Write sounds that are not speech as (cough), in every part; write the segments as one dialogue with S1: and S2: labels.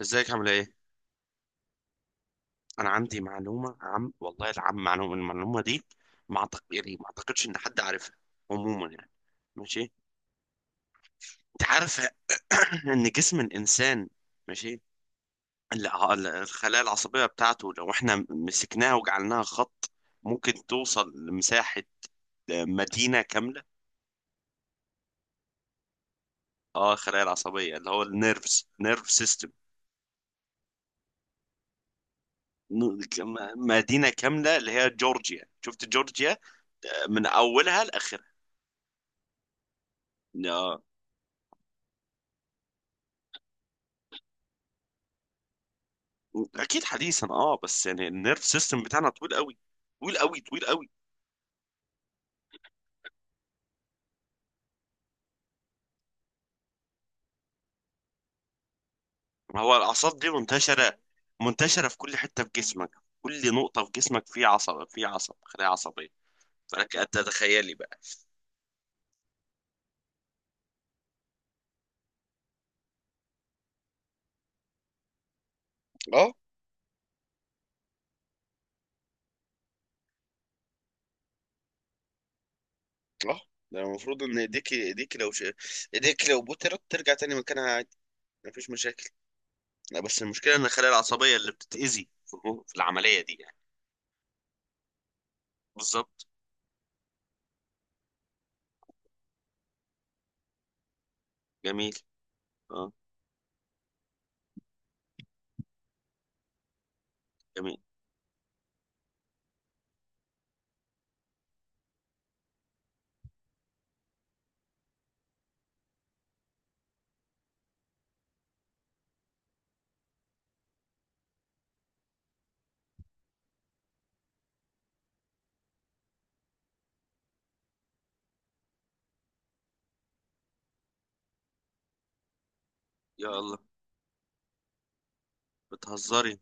S1: ازيك عامل ايه؟ انا عندي معلومه عم والله العم معلومه المعلومه دي. ما أعتق... يعني ما اعتقدش ان حد عارفها. عموما، يعني، ماشي. انت عارف (coughs) (clears throat) ان جسم الانسان، ماشي، الخلايا العصبيه بتاعته، لو احنا مسكناها وجعلناها خط، ممكن توصل لمساحه مدينه كامله. اه، الخلايا العصبيه اللي هو نيرف سيستم. مدينه كامله، اللي هي جورجيا، شفت جورجيا، من اولها لاخرها. آه. اكيد حديثا، بس يعني النيرف سيستم بتاعنا طويل قوي، طويل قوي، طويل قوي. ما هو الاعصاب دي منتشره، منتشره في كل حته في جسمك، كل نقطه في جسمك في عصب، خلايا عصبيه. فلك ان تتخيلي بقى. اه، اه. ده المفروض ان ايديك لو بترت ترجع تاني مكانها، عادي، مفيش مشاكل. لا، بس المشكله ان الخلايا العصبيه اللي بتتاذي في العمليه دي، يعني. بالظبط، بالظبط. جميل. اه. جميل. يا الله، بتهزري؟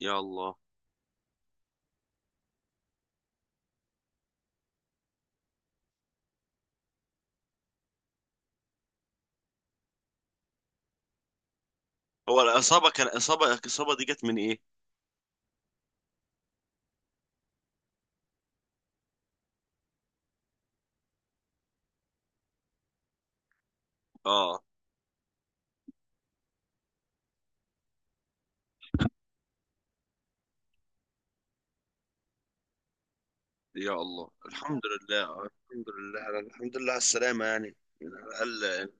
S1: يا الله. هو الإصابة كان إصابة الإصابة دي جت من إيه؟ آه. يا الله، الحمد لله، الحمد لله على السلامة، يعني على الأقل.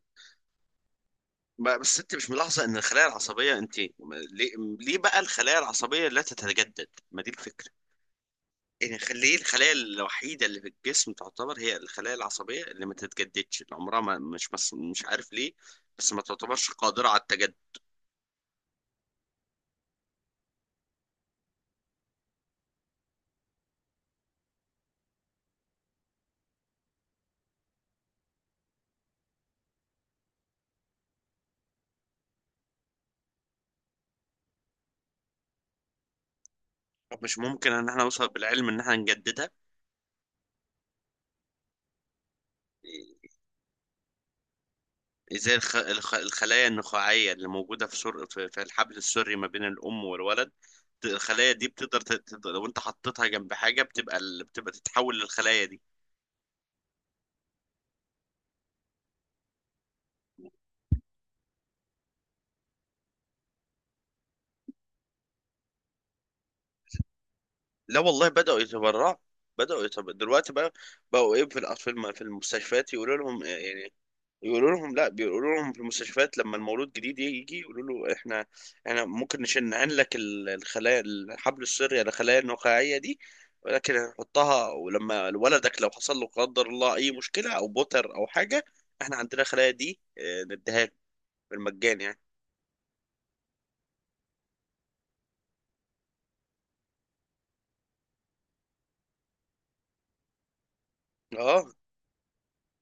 S1: بس أنت مش ملاحظة إن الخلايا العصبية، أنت ما- ليه بقى الخلايا العصبية لا تتجدد؟ ما دي الفكرة. يعني ليه الخلايا الوحيدة اللي في الجسم تعتبر هي الخلايا العصبية اللي ما تتجددش، اللي عمرها ما مش عارف ليه. بس ما تعتبرش قادرة على التجدد. طب مش ممكن إن احنا نوصل بالعلم إن احنا نجددها؟ زي الخلايا النخاعية اللي موجودة في سر... في في الحبل السري ما بين الأم والولد. الخلايا دي بتقدر لو أنت حطيتها جنب حاجة بتبقى بتبقى تتحول للخلايا دي. لا، والله، بدأوا يتبرعوا، بدأوا يتبرعوا دلوقتي بقى. بقوا إيه في الأطفال في في المستشفيات يقولوا لهم إيه، يعني، يقولوا لهم، لا، بيقولوا لهم في المستشفيات لما المولود جديد يجي، يقولوا له احنا، ممكن نشنعن لك الخلايا الحبل السري، الخلايا النخاعيه دي، ولكن هنحطها، ولما ولدك لو حصل له قدر الله اي مشكله او بوتر او حاجه، احنا عندنا الخلايا دي، نديها لك، بالمجان يعني. اه،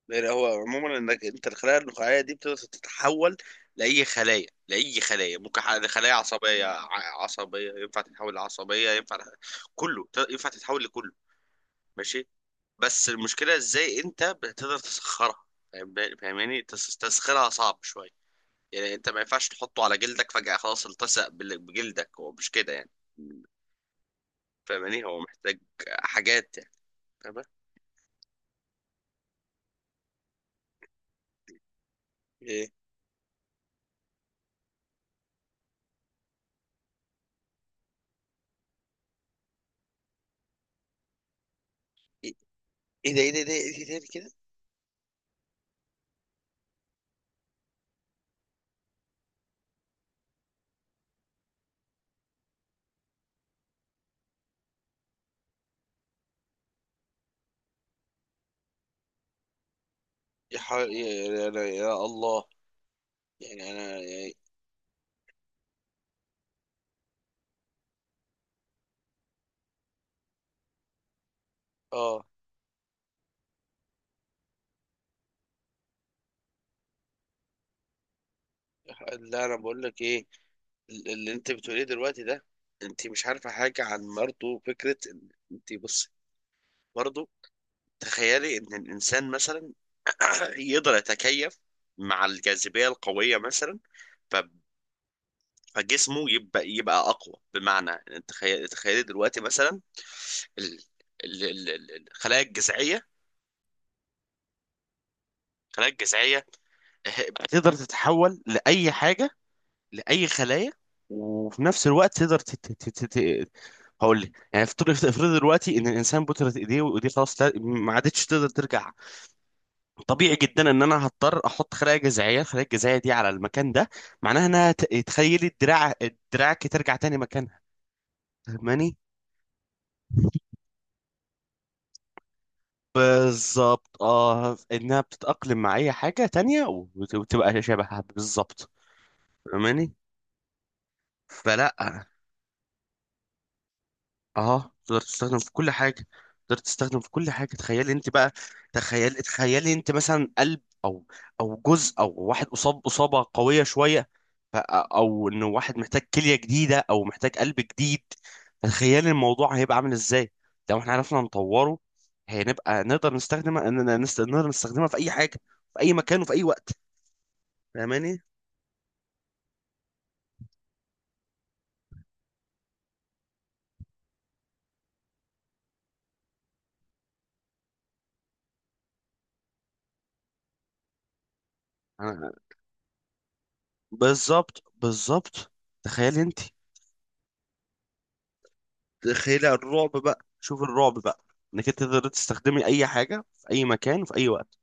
S1: يعني هو عموما انك انت الخلايا النخاعيه دي بتقدر تتحول لاي خلايا، لاي خلايا، ممكن خلايا عصبيه، عصبيه ينفع، تتحول لعصبيه ينفع، كله، ينفع تتحول لكله. ماشي. بس المشكلة ازاي انت بتقدر تسخرها، فاهم- فاهماني؟ تسخيرها صعب شوية. يعني انت ما ينفعش تحطه على جلدك فجأة خلاص التصق بجلدك، هو مش كده يعني. فاهماني؟ هو محتاج حاجات يعني، فاهمة. ايه ايه ايه ده، ايه ده، ايه ده، ايه ده، إيه ده كده! يا, ح... يا, يا, يا يا الله. يعني انا، يعني، اه لا، انا بقول لك ايه. اللي انت بتقوليه دلوقتي ده، انت مش عارفه حاجه عن، برضه فكره ان انت، بص، برضه تخيلي ان الانسان مثلا (clears throat) يقدر يتكيف مع الجاذبية القوية مثلا، ف- فجسمه يبقى أقوى. بمعنى، أنت تخيل، تخيل دلوقتي مثلا ال- الخلايا الجذعية، الخلايا الجذعية، بتقدر تتحول لأي حاجة، لأي خلايا. وفي نفس الوقت تقدر هقول لك يعني، افترض، افترض دلوقتي ان الانسان بترت ايديه، وايديه خلاص، ما عادتش تقدر ترجع. طبيعي جدا ان انا هضطر احط خلايا جذعيه، الخلايا الجذعيه دي على المكان ده، معناها انها تخيلي دراعك ترجع تاني مكانها. فاهماني؟ بالظبط، اه، انها بتتاقلم مع اي حاجه تانية، وتبقى شبهها بالظبط. فاهماني؟ فلا، اه، تقدر تستخدم في كل حاجه، تقدر تستخدم في كل حاجه. تخيلي انت بقى، تخيلي انت مثلا قلب، او جزء، او واحد اصاب اصابه قويه شويه، او انه واحد محتاج كليه جديده او محتاج قلب جديد. تخيلي الموضوع هيبقى عامل ازاي لو احنا عرفنا نطوره. هنبقى نقدر نستخدمها، اننا نقدر نستخدمها في اي حاجه، في اي مكان وفي اي وقت. فاهماني؟ أنا- بالظبط، بالظبط. تخيلي انت، خيلة الرعب بقى، شوف الرعب بقى، انك انت تقدر تستخدمي اي حاجة في اي مكان في اي وقت.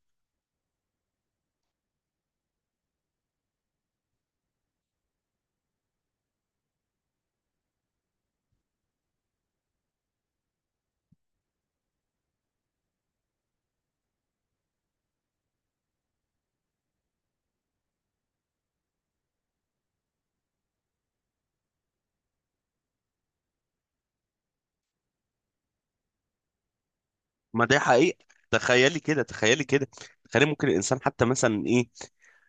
S1: ما ده حقيقة. تخيلي كده، تخيلي كده. تخيلي ممكن الانسان حتى مثلا ايه،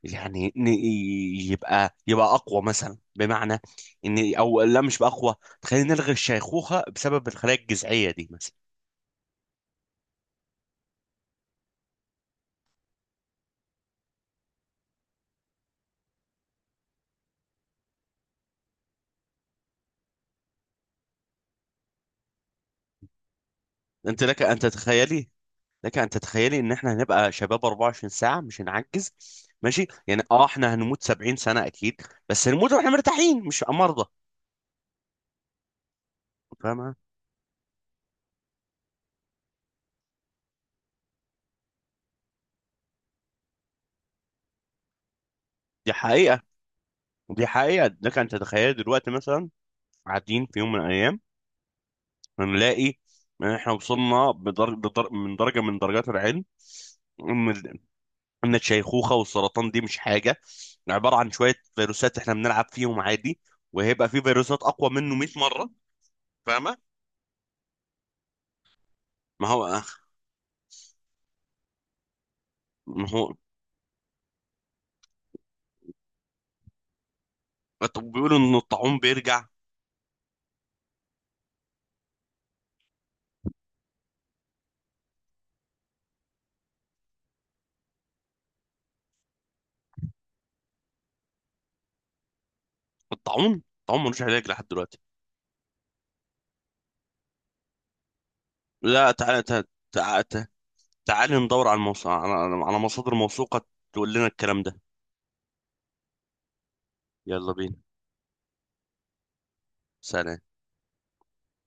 S1: يعني إن يبقى اقوى مثلا، بمعنى ان، او لا، مش بقى اقوى. تخيلي نلغي الشيخوخة بسبب الخلايا الجذعية دي مثلا. انت لك ان تتخيلي، لك ان تتخيلي ان احنا هنبقى شباب 24 ساعة، مش هنعجز. ماشي يعني، احنا هنموت 70 سنة اكيد، بس هنموت واحنا مرتاحين مش مرضى. فاهمة؟ دي حقيقة. دي حقيقة. لك أن تتخيل دلوقتي مثلا، قاعدين في يوم من الأيام هنلاقي إن إحنا وصلنا من درجة، من درجات العلم، إن ال- إن الشيخوخة والسرطان دي مش حاجة، عبارة عن شوية فيروسات إحنا بنلعب فيهم عادي، وهيبقى في فيروسات أقوى منه 100 مرة. فاهمة؟ ما هو، ما هو، طب بيقولوا إن الطاعون بيرجع. الطاعون ملوش علاج لحد دلوقتي. لا، تعالى، تعالى، تعالى، تعالى ندور على على مصادر موثوقة تقول لنا الكلام ده. يلا بينا. سلام.